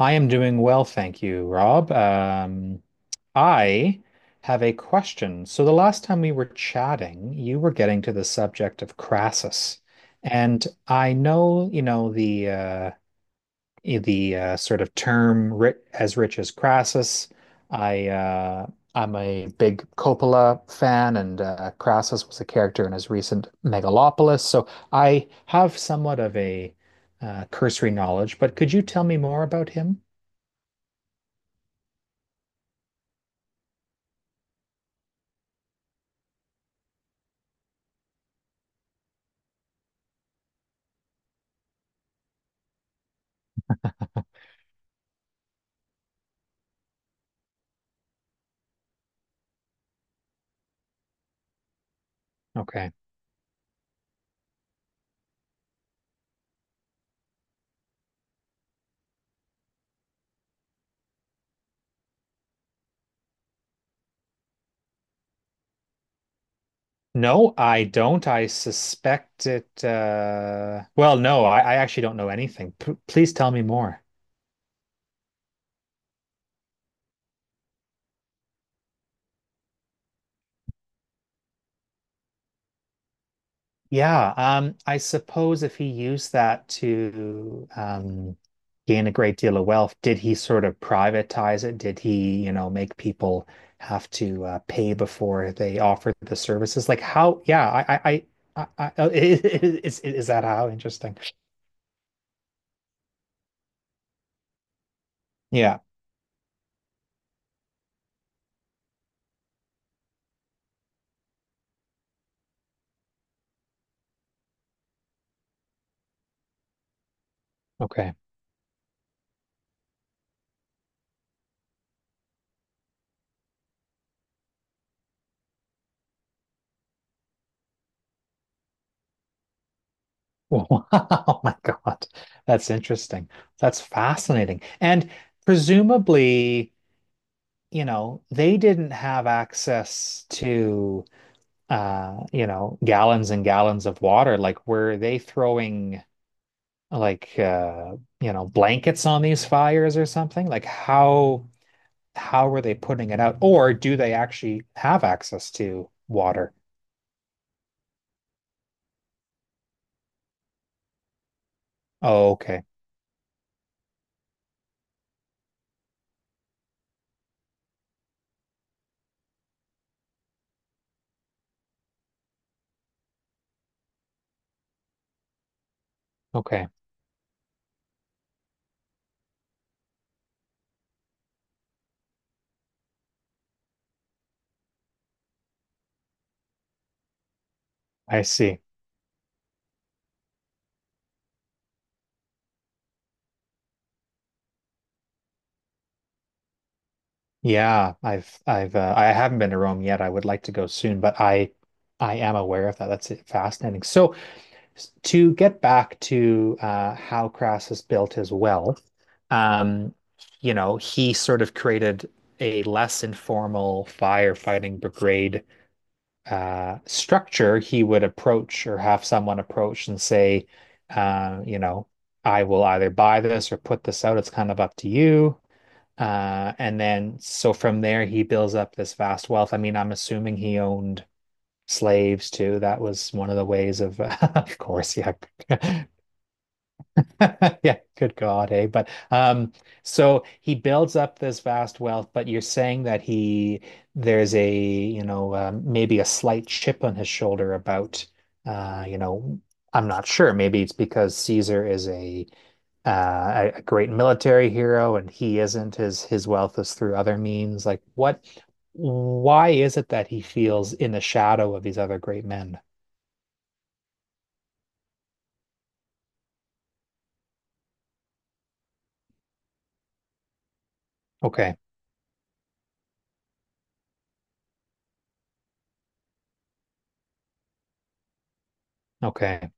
I am doing well, thank you, Rob. I have a question. So the last time we were chatting, you were getting to the subject of Crassus, and I know, you know, the sort of term ri as rich as Crassus. I uh, I'm a big Coppola fan, and Crassus was a character in his recent Megalopolis. So I have somewhat of a cursory knowledge, but could you tell me more about him? Okay. No, I don't. I suspect it. Well, no, I actually don't know anything. P please tell me more. Yeah, I suppose if he used that to gain a great deal of wealth, did he sort of privatize it? Did he, you know, make people have to pay before they offer the services? Like how? Yeah, I is that how? Interesting. Yeah. Okay. Wow, oh my God. That's interesting. That's fascinating. And presumably, you know, they didn't have access to you know, gallons and gallons of water. Like, were they throwing like you know, blankets on these fires or something? Like how were they putting it out? Or do they actually have access to water? Oh, okay. Okay. I see. Yeah, I've I haven't been to Rome yet. I would like to go soon, but I am aware of that. That's fascinating. So s- to get back to how Crassus built his wealth, um, you know, he sort of created a less informal firefighting brigade structure. He would approach or have someone approach and say, you know, I will either buy this or put this out. It's kind of up to you. And then so from there he builds up this vast wealth. I mean, I'm assuming he owned slaves too. That was one of the ways of, of course, yeah, yeah, good God, eh? But so he builds up this vast wealth. But you're saying that he there's a you know maybe a slight chip on his shoulder about you know I'm not sure. Maybe it's because Caesar is a a great military hero and he isn't. His wealth is through other means. Like what? Why is it that he feels in the shadow of these other great men? Okay, okay,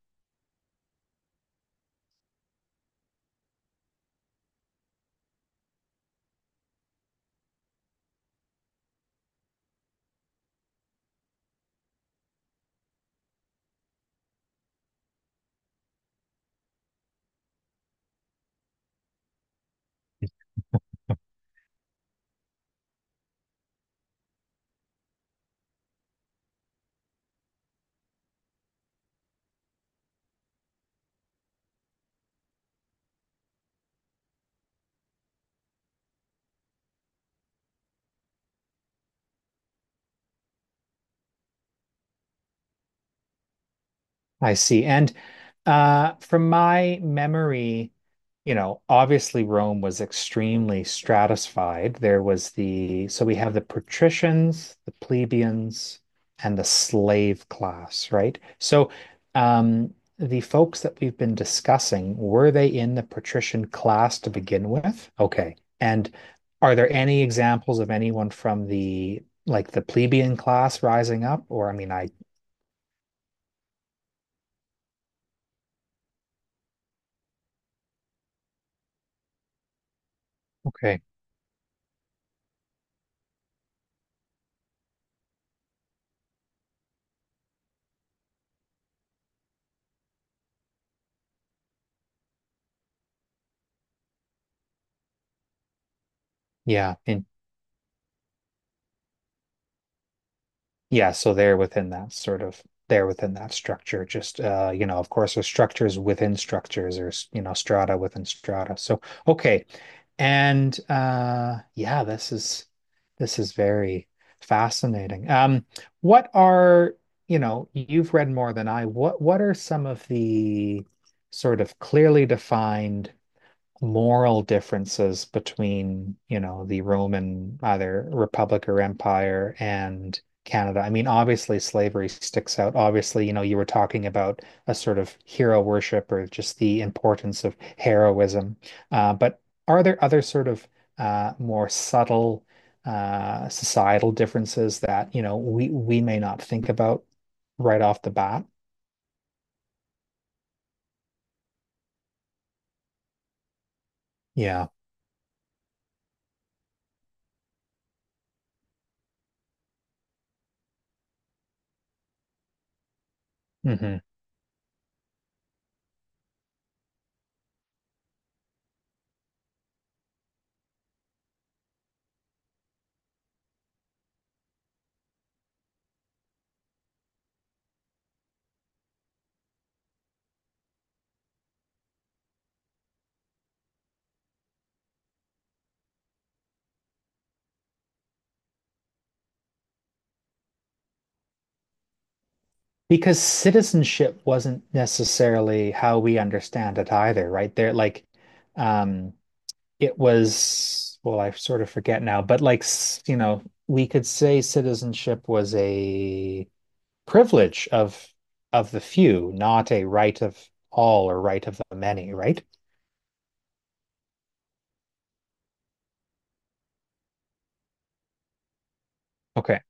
I see. And from my memory, you know, obviously Rome was extremely stratified. There was the, so we have the patricians, the plebeians, and the slave class, right? So, um, the folks that we've been discussing, were they in the patrician class to begin with? Okay. And are there any examples of anyone from the, like the plebeian class rising up? Or, I mean, I, okay. Yeah, Yeah, so they're within that sort of they're within that structure. Just you know, of course, there's structures within structures, or you know, strata within strata. So okay, and yeah, this is very fascinating. What are you know, you've read more than I. What are some of the sort of clearly defined moral differences between, you know, the Roman either republic or empire and Canada. I mean, obviously slavery sticks out. Obviously, you know, you were talking about a sort of hero worship or just the importance of heroism. But are there other sort of more subtle societal differences that, you know, we may not think about right off the bat? Yeah. Hmm. Because citizenship wasn't necessarily how we understand it either, right? There, like, um, it was, well, I sort of forget now, but like, s- you know, we could say citizenship was a privilege of the few, not a right of all or right of the many, right? Okay.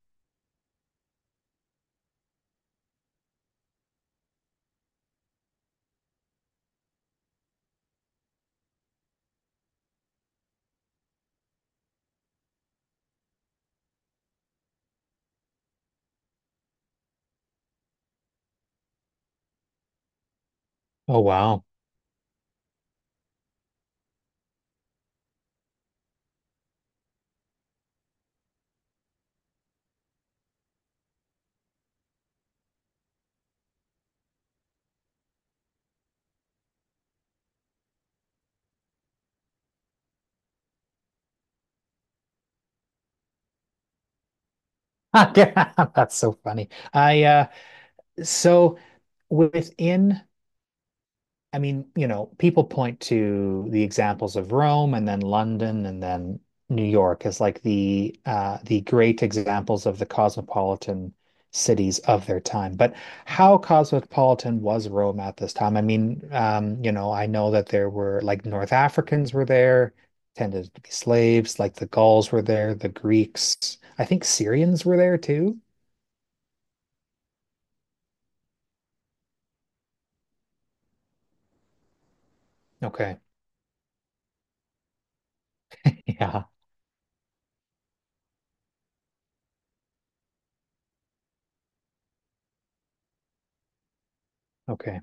Oh, wow. That's so funny. I so within I mean, you know, people point to the examples of Rome and then London and then New York as like the great examples of the cosmopolitan cities of their time. But how cosmopolitan was Rome at this time? I mean, you know, I know that there were like North Africans were there, tended to be slaves, like the Gauls were there, the Greeks. I think Syrians were there too. Okay. Yeah. Okay.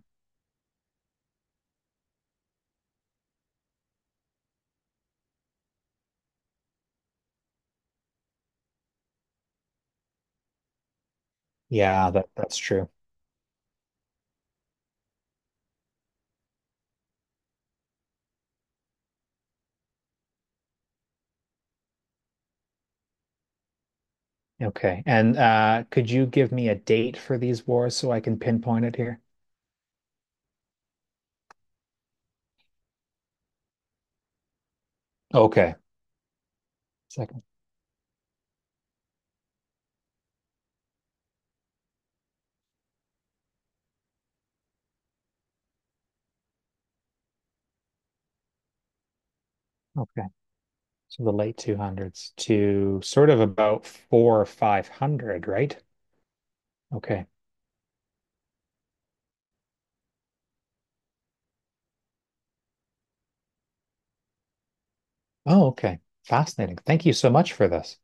Yeah, that's true. Okay. And could you give me a date for these wars so I can pinpoint it here? Okay. Second. Okay. So the late 200s to sort of about four or 500, right? Okay. Oh, okay. Fascinating. Thank you so much for this.